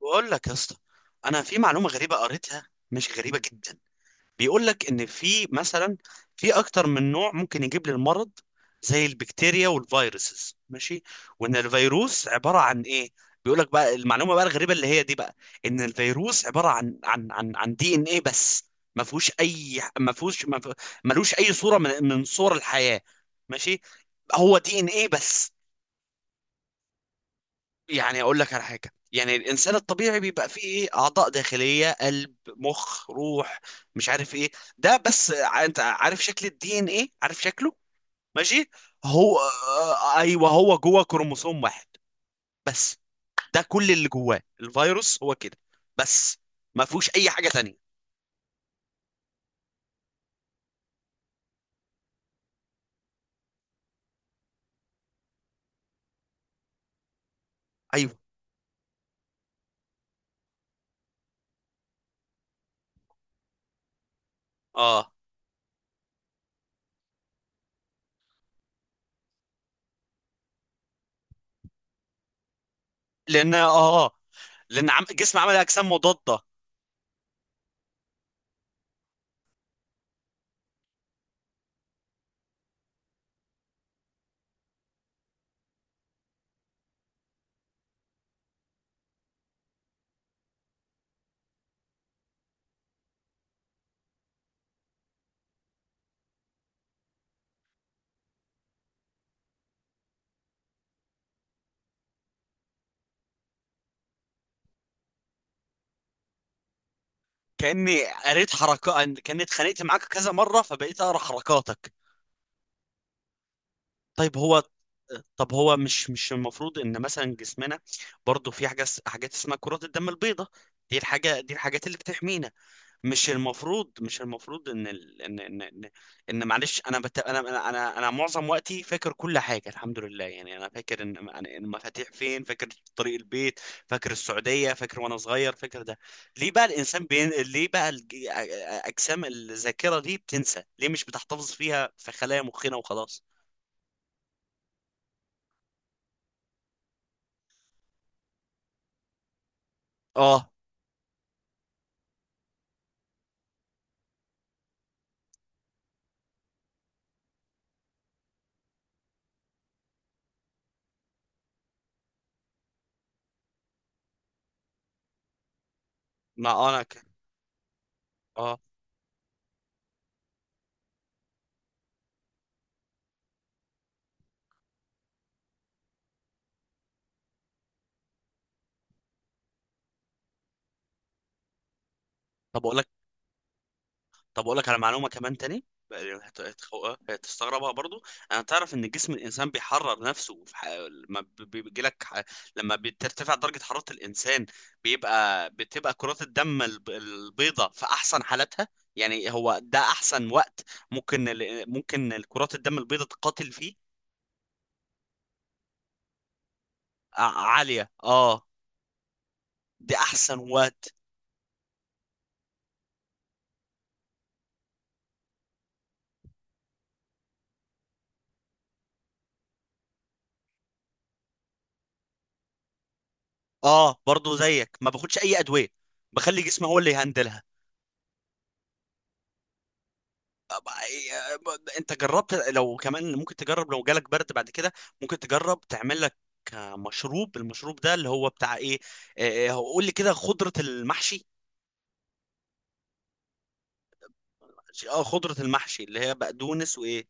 بقول لك يا اسطى. انا في معلومه غريبه قريتها، مش غريبه جدا. بيقول لك ان في مثلا، في اكتر من نوع ممكن يجيب لي المرض، زي البكتيريا والفيروسز. ماشي. وان الفيروس عباره عن ايه؟ بيقول لك بقى المعلومه بقى الغريبه اللي هي دي بقى. ان الفيروس عباره عن دي ان ايه بس. ما فيهوش اي ما فيهوش ما فيه- ملوش اي صوره من صور الحياه. ماشي. هو دي ان ايه بس. يعني اقول لك على حاجه، يعني الانسان الطبيعي بيبقى فيه ايه؟ اعضاء داخليه، قلب، مخ، روح، مش عارف ايه. ده بس، انت عارف شكل الدي ان ايه؟ عارف شكله؟ ماشي. هو ايوه، هو جوه كروموسوم واحد بس. ده كل اللي جواه الفيروس، هو كده بس. ما فيهوش اي حاجه تانية. ايوه. اه. لان اه آه. لان الجسم عمل اجسام مضاده. كاني قريت حركات، كاني اتخانقت معاك كذا مره، فبقيت اقرا حركاتك. طيب هو طب هو مش المفروض ان مثلا جسمنا برضو في حاجه، حاجات اسمها كرات الدم البيضاء؟ دي الحاجه، دي الحاجات اللي بتحمينا. مش المفروض ان ال... ان ان ان, إن معلش، انا بت... انا انا انا أنا معظم وقتي فاكر كل حاجه الحمد لله، يعني انا فاكر ان يعني المفاتيح فين، فاكر طريق البيت، فاكر السعوديه، فاكر وانا صغير، فاكر ده. ليه بقى الانسان بين... ليه بقى الج... اجسام الذاكره دي بتنسى ليه؟ مش بتحتفظ فيها في خلايا مخنا وخلاص؟ اه. ما آه، انا ك... اه. طب اقول لك طب اقول لك على معلومه كمان تاني. هتستغربها برضو. انا تعرف ان جسم الانسان بيحرر نفسه، في ح... لما ب- ب- بيجي لك ح... لما بترتفع درجه حراره الانسان. بتبقى كرات الدم البيضاء في احسن حالاتها. يعني هو ده احسن وقت، ممكن كرات الدم البيضاء تقاتل فيه. عاليه. اه. دي احسن وقت. اه برضو زيك، ما باخدش اي ادويه، بخلي جسمي هو اللي يهندلها. انت جربت؟ لو كمان ممكن تجرب، لو جالك برد بعد كده ممكن تجرب تعمل لك المشروب ده اللي هو بتاع ايه. اه، هو قول لي كده، خضرة المحشي. اه، خضرة المحشي اللي هي بقدونس وايه.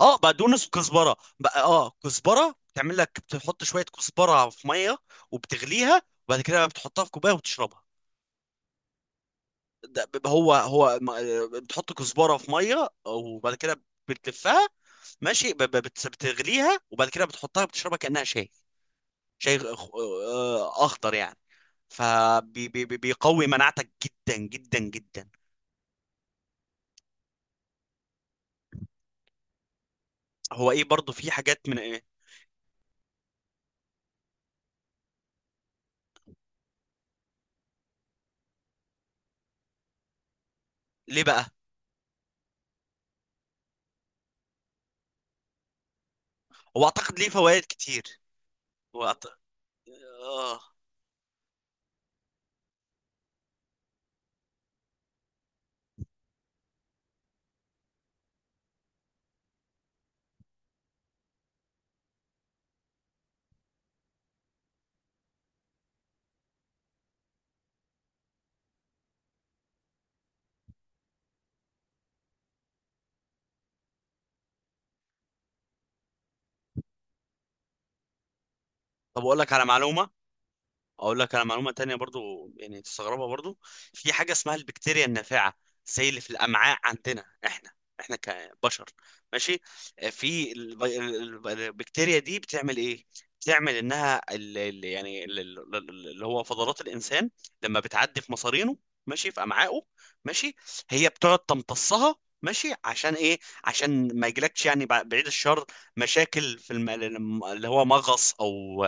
اه، بقدونس وكزبرة بقى. اه، كزبرة تعمل لك، بتحط شوية كزبرة في مية وبتغليها، وبعد كده بتحطها في كوباية وبتشربها. ده ب- هو هو ما- بتحط كزبره في ميه وبعد كده بتلفها. ماشي، بتغليها وبعد كده بتحطها بتشربها كانها شاي. شاي اخضر يعني. فبيقوي مناعتك جدا جدا جدا. هو ايه؟ برضو في حاجات من ايه؟ ليه بقى؟ هو اعتقد ليه فوائد كتير. هو أعت... آه. طب اقول لك على معلومه. اقول لك انا معلومه تانية برضو، يعني تستغربها برضو. في حاجه اسمها البكتيريا النافعه، زي اللي في الامعاء عندنا احنا، احنا كبشر. ماشي. في البكتيريا دي بتعمل ايه؟ بتعمل انها، اللي هو فضلات الانسان لما بتعدي في مصارينه، ماشي في امعائه. ماشي. هي بتقعد تمتصها، ماشي. عشان ايه؟ عشان ما يجيلكش يعني، بعيد الشر، مشاكل في اللي هو مغص او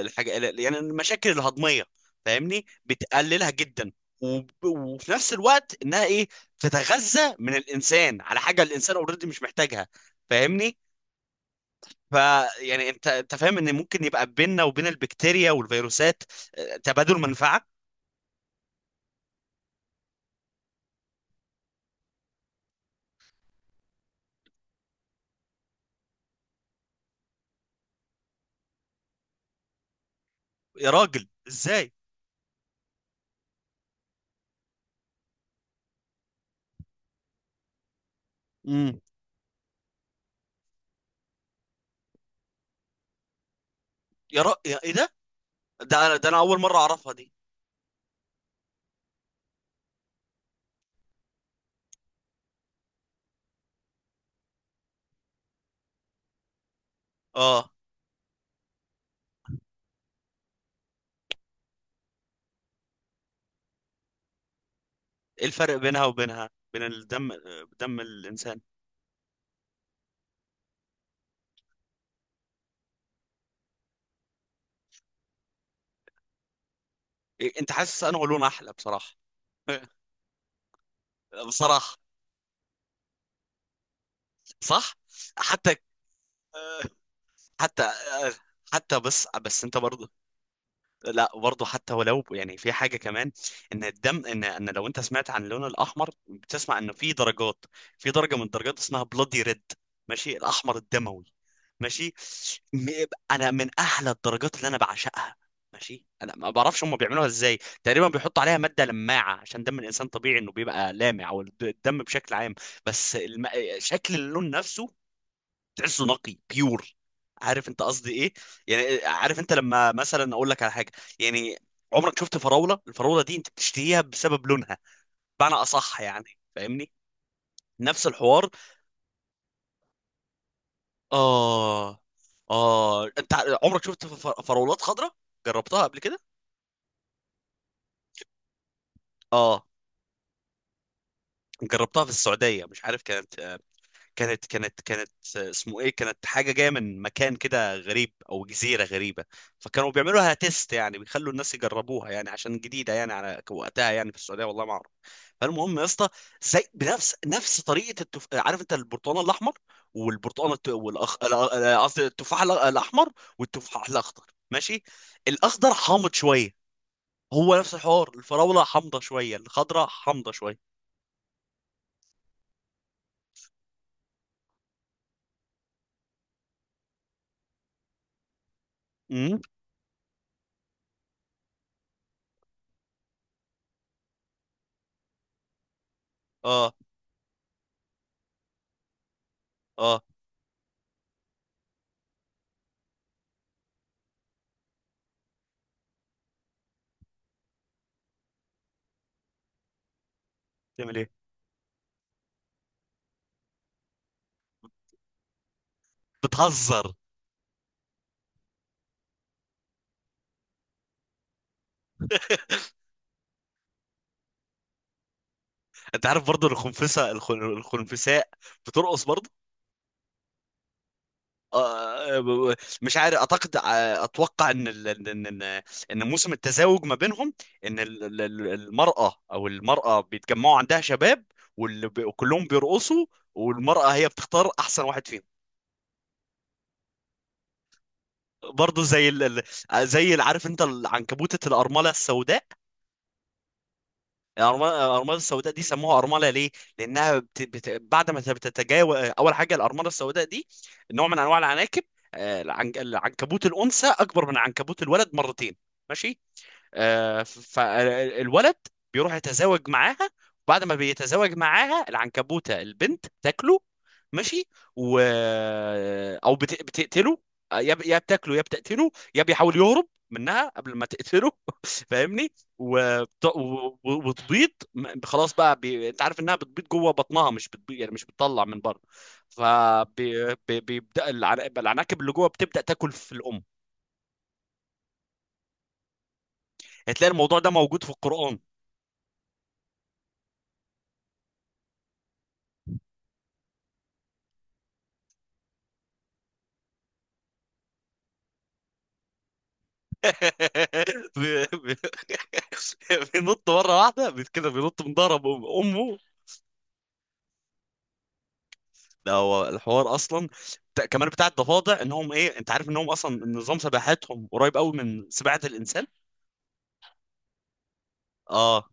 الحاجة، يعني المشاكل الهضمية، فاهمني، بتقللها جدا. وفي نفس الوقت انها ايه؟ تتغذى من الانسان على حاجة الانسان اوريدي مش محتاجها، فاهمني. ف يعني انت فاهم ان ممكن يبقى بيننا وبين البكتيريا والفيروسات، تبادل منفعة. يا راجل ازاي؟ امم. يا ايه ده انا اول مرة اعرفها دي. اه، ايه الفرق بينها وبينها؟ بين الدم، دم الانسان؟ إيه، انت حاسس انه لون احلى بصراحة؟ بصراحة. صح. حتى حتى حتى بس انت برضه. لا برضه، حتى ولو يعني في حاجه كمان، ان الدم، ان ان لو انت سمعت عن اللون الاحمر بتسمع انه في درجات. في درجه من الدرجات اسمها بلودي ريد، ماشي، الاحمر الدموي. ماشي. م- انا من احلى الدرجات اللي انا بعشقها. ماشي. انا ما بعرفش هم بيعملوها ازاي، تقريبا بيحطوا عليها ماده لماعه، عشان دم الانسان طبيعي انه بيبقى لامع، او الدم بشكل عام. بس الم... شكل اللون نفسه، تحسه نقي بيور. عارف انت قصدي ايه؟ يعني عارف انت لما مثلا اقول لك على حاجه، يعني، عمرك شفت فراوله؟ الفراوله دي انت بتشتهيها بسبب لونها، بمعنى اصح يعني، فاهمني. نفس الحوار. اه، اه. انت عمرك شفت فراولات خضراء؟ جربتها قبل كده؟ اه، جربتها في السعوديه، مش عارف كانت اسمه ايه، كانت حاجه جايه من مكان كده غريب، او جزيره غريبه. فكانوا بيعملوها تيست، يعني بيخلوا الناس يجربوها يعني، عشان جديده يعني على وقتها يعني، في السعوديه والله ما اعرف. فالمهم يا اسطى، زي بنفس طريقه عارف انت البرتقال الاحمر، والبرتقال الت... والاخ ال- ال- قصدي التفاح الاحمر، والتفاح الاخضر. ماشي. الاخضر حامض شويه، هو نفس الحوار، الفراوله حامضه شويه، الخضراء حامضه شويه. امم. اه، اه. تعمل ايه؟ بتهزر؟ انت عارف برضه الخنفسه، الخنفساء بترقص برضه؟ آه، مش عارف، اعتقد اتوقع ان ان موسم التزاوج ما بينهم. ان المراه، او المراه بيتجمعوا عندها شباب، وكلهم بيرقصوا، والمراه هي بتختار احسن واحد فيهم. برضه زي اللي، عارف انت العنكبوتة الارمله السوداء؟ الأرماد السوداء دي سموها أرملة ليه؟ لأنها، بعد ما بتتجاوز أول حاجة. الأرملة السوداء دي نوع من أنواع العناكب. العنكبوت الأنثى أكبر من عنكبوت الولد مرتين. ماشي. فالولد بيروح يتزاوج معاها، وبعد ما بيتزاوج معاها العنكبوتة البنت تاكله. ماشي. و او بتقتله. يا بتاكله، يا بتقتله، يا بيحاول يهرب منها قبل ما تقتله فاهمني. وتبيض. خلاص بقى، انت عارف انها بتبيض جوه بطنها، مش بتبيض يعني، مش بتطلع من بره. فبيبدا العناكب اللي جوه بتبدا تاكل في الام. هتلاقي الموضوع ده موجود في القرآن. بي- بي- بينط مره واحده، كده بينط من ظهر امه. ده هو الحوار اصلا. كمان بتاع الضفادع انهم ايه، انت عارف انهم اصلا نظام سباحتهم قريب قوي من سباحه الانسان؟ اه.